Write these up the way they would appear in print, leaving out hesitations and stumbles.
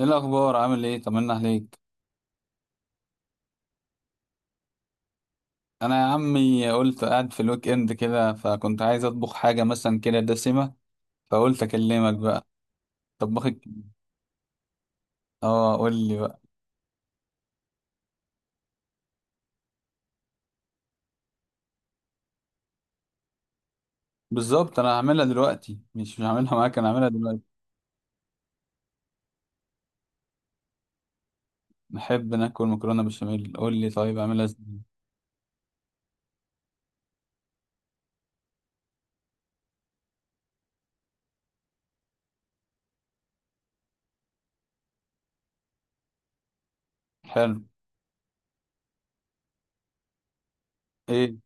ايه الاخبار؟ عامل ايه؟ طمنا عليك. انا يا عمي قلت قاعد في الويك اند كده، فكنت عايز اطبخ حاجه مثلا كده دسمه، فقلت اكلمك بقى. طبخك. اه، قول لي بقى. بالظبط، انا هعملها دلوقتي، مش هعملها معاك، انا هعملها دلوقتي. نحب ناكل مكرونه بشاميل، قول لي طيب اعملها ازاي؟ حلو. ايه؟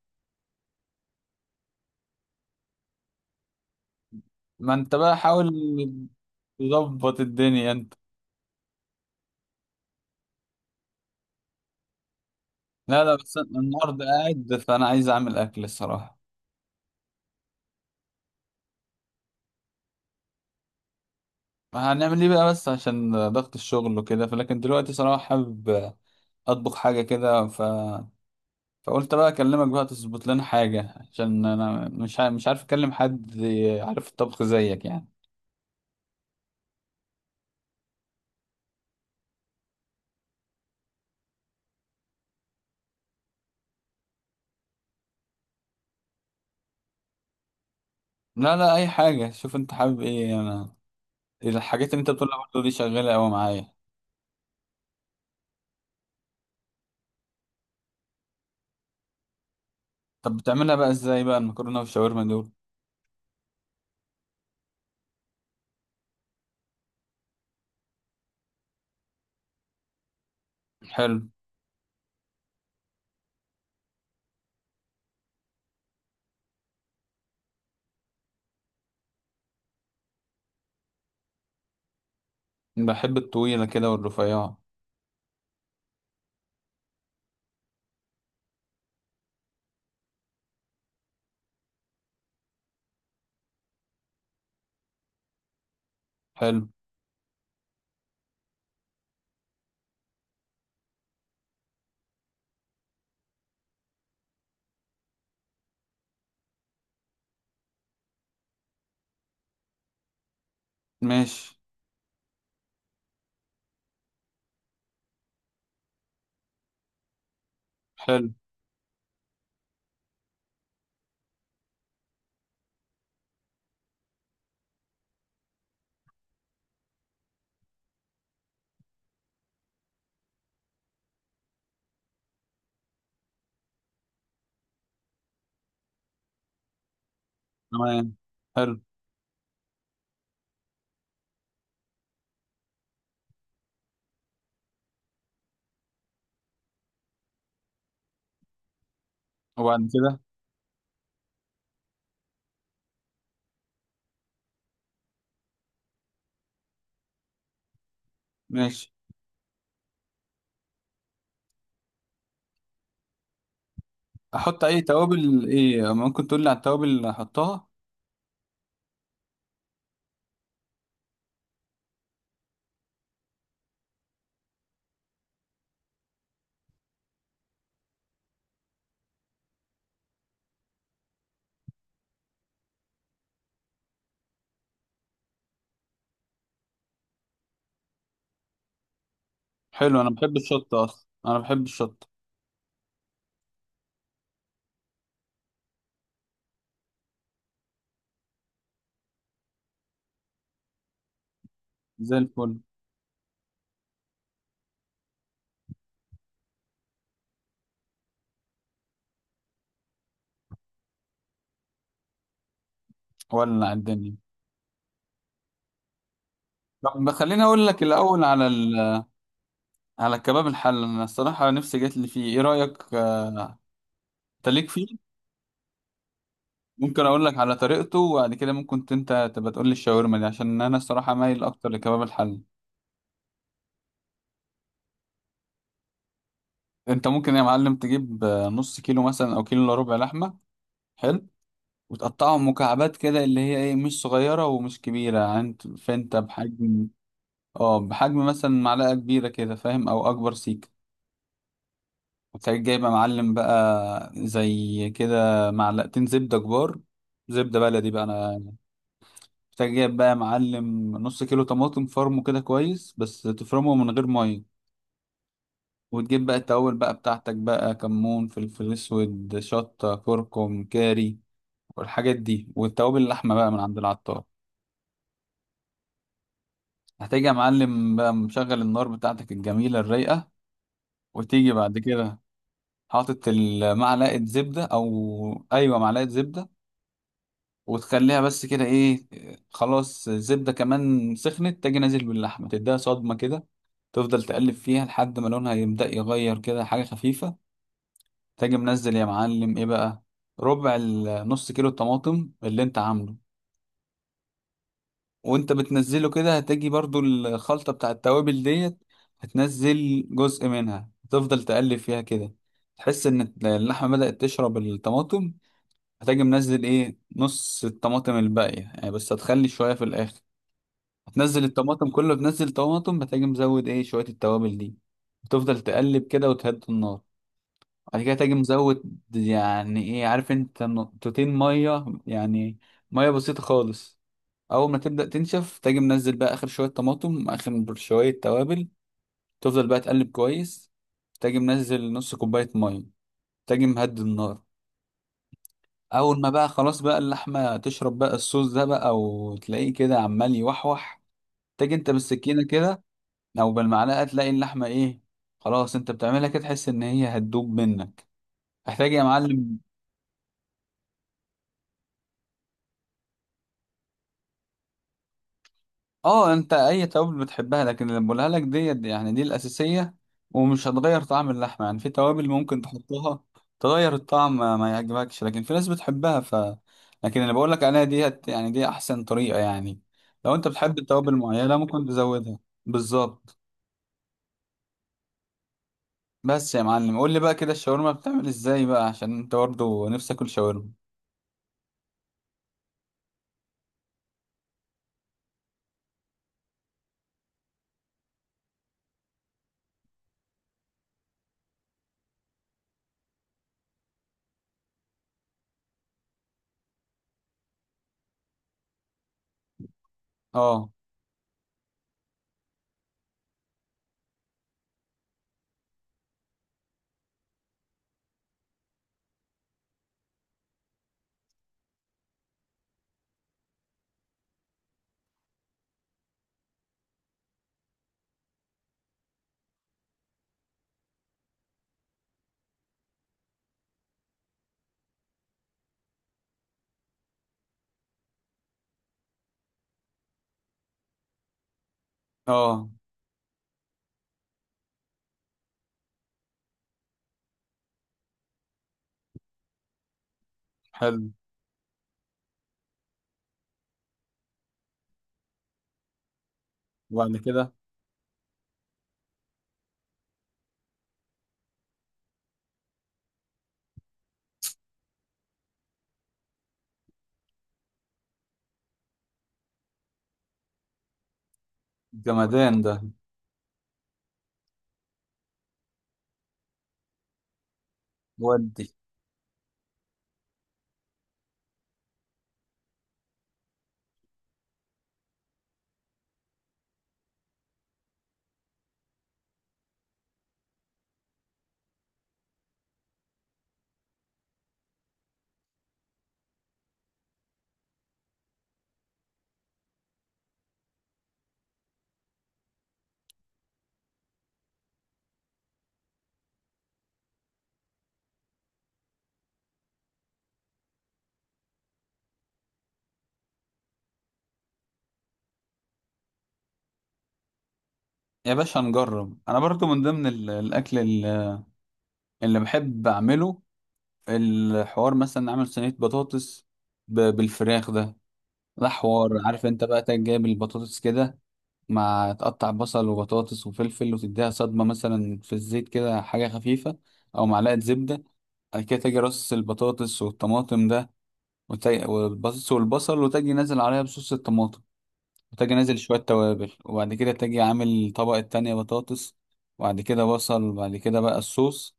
ما انت بقى حاول تظبط الدنيا انت. لا لا، بس أنا النهارده قاعد، فانا عايز اعمل اكل الصراحه. هنعمل ايه بقى بس عشان ضغط الشغل وكده، فلكن دلوقتي صراحه حابب اطبخ حاجه كده، فقلت بقى اكلمك بقى تظبط لنا حاجه، عشان انا مش عارف اكلم حد عارف الطبخ زيك يعني. لا لا، اي حاجه، شوف انت حابب ايه. انا الحاجات اللي انت بتقولها برضه دي شغاله قوي معايا. طب بتعملها بقى ازاي بقى المكرونه والشاورما دول؟ حلو. بحب الطويله كده والرفيعه. حلو. ماشي. حلو. تمام. حلو. وبعد كده؟ ماشي. احط اي توابل؟ ايه ممكن تقول لي على التوابل اللي احطها؟ حلو، انا بحب الشطه اصلا، انا بحب الشطه. زي الفل. ولع الدنيا. طب خليني اقول لك الاول على على الكباب الحل، انا الصراحه نفسي جات لي فيه، ايه رايك انت ليك فيه؟ ممكن اقول لك على طريقته، وبعد كده ممكن انت تبقى تقول لي الشاورما دي، عشان انا الصراحه مايل اكتر لكباب الحل. انت ممكن يا معلم تجيب نص كيلو مثلا او كيلو الا ربع لحمه. حلو. وتقطعهم مكعبات كده اللي هي ايه، مش صغيره ومش كبيره يعني فانت بحجم. اه، بحجم مثلا معلقه كبيره كده فاهم، او اكبر سيك. وتلاقيك جايبه معلم بقى زي كده معلقتين زبده كبار، زبده بلدي بقى انا. تلاقيك جايب بقى معلم نص كيلو طماطم، فرمه كده كويس بس تفرمه من غير ميه. وتجيب بقى التوابل بقى بتاعتك بقى كمون، فلفل اسود، شطه، كركم، كاري، والحاجات دي، والتوابل اللحمه بقى من عند العطار. هتيجي يا معلم بقى مشغل النار بتاعتك الجميله الرايقه، وتيجي بعد كده حاطط معلقه زبده، او ايوه معلقه زبده. وتخليها بس كده ايه. خلاص، الزبدة كمان سخنت، تجي نازل باللحمة تديها صدمة كده. تفضل تقلب فيها لحد ما لونها يبدأ يغير كده حاجة خفيفة. تجي منزل يا معلم ايه بقى، ربع نص كيلو الطماطم اللي انت عامله. وانت بتنزله كده، هتجي برضو الخلطة بتاع التوابل ديت، هتنزل جزء منها، تفضل تقلب فيها كده، تحس ان اللحمة بدأت تشرب الطماطم. هتجي منزل ايه نص الطماطم الباقية، يعني بس هتخلي شوية في الآخر. هتنزل الطماطم كله، بنزل طماطم، هتجي مزود ايه شوية التوابل دي. وتفضل تقلب كده وتهدي النار. بعد كده تجي مزود يعني ايه عارف انت، نقطتين مية يعني. مية بسيطة خالص. أول ما تبدأ تنشف، تجي منزل بقى آخر شوية طماطم، آخر شوية توابل. تفضل بقى تقلب كويس. تجي منزل نص كوباية مية. تجي مهدي النار. أول ما بقى خلاص بقى اللحمة تشرب بقى الصوص ده بقى، وتلاقيه كده عمال يوحوح. تجي انت بالسكينة كده. او بالمعلقه تلاقي اللحمه ايه خلاص، انت بتعملها كده تحس ان هي هتدوب منك. محتاج يا معلم. اه، انت اي توابل بتحبها، لكن اللي بقولها لك دي يعني دي الاساسيه، ومش هتغير طعم اللحمه. يعني في توابل ممكن تحطها تغير الطعم ما ما يعجبكش، لكن في ناس بتحبها، لكن اللي بقول لك عليها ديت يعني دي احسن طريقه يعني. لو انت بتحب توابل معينه ممكن تزودها. بالظبط. بس يا معلم قول لي بقى كده الشاورما بتعمل ازاي بقى، عشان انت برضه نفسك اكل شاورما. اه، اه. حلو. وبعد كده؟ جمدان ده. ودي. يا باشا نجرب، انا برضو من ضمن الاكل اللي بحب اعمله. الحوار مثلا نعمل صينية بطاطس بالفراخ ده. ده حوار عارف انت، بقى تجي جايب البطاطس كده، مع تقطع بصل وبطاطس وفلفل، وتديها صدمة مثلا في الزيت كده حاجة خفيفة. او معلقة زبدة. بعد كده تجي رص البطاطس والطماطم ده، والبطاطس والبصل، وتجي نازل عليها بصوص الطماطم. وتجي نازل شوية توابل، وبعد كده تجي عامل طبقة تانية بطاطس. وبعد كده بصل، وبعد كده بقى الصوص.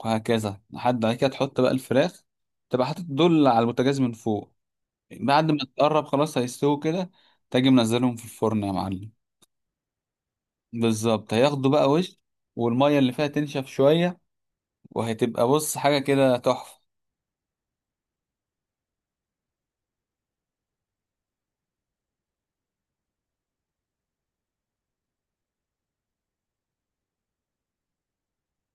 وهكذا، لحد بعد كده تحط بقى الفراخ. تبقى حاطط دول على البوتاجاز من فوق. بعد ما تقرب خلاص هيستووا كده. تجي منزلهم في الفرن يا معلم. بالظبط، هياخدوا بقى وش. والمية اللي فيها تنشف شوية. وهتبقى، بص، حاجة كده تحفة.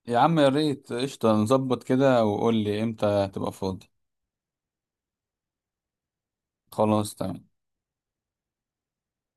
يا عم يا ريت، قشطة، نظبط كده وقول لي امتى تبقى فاضي. خلاص تمام.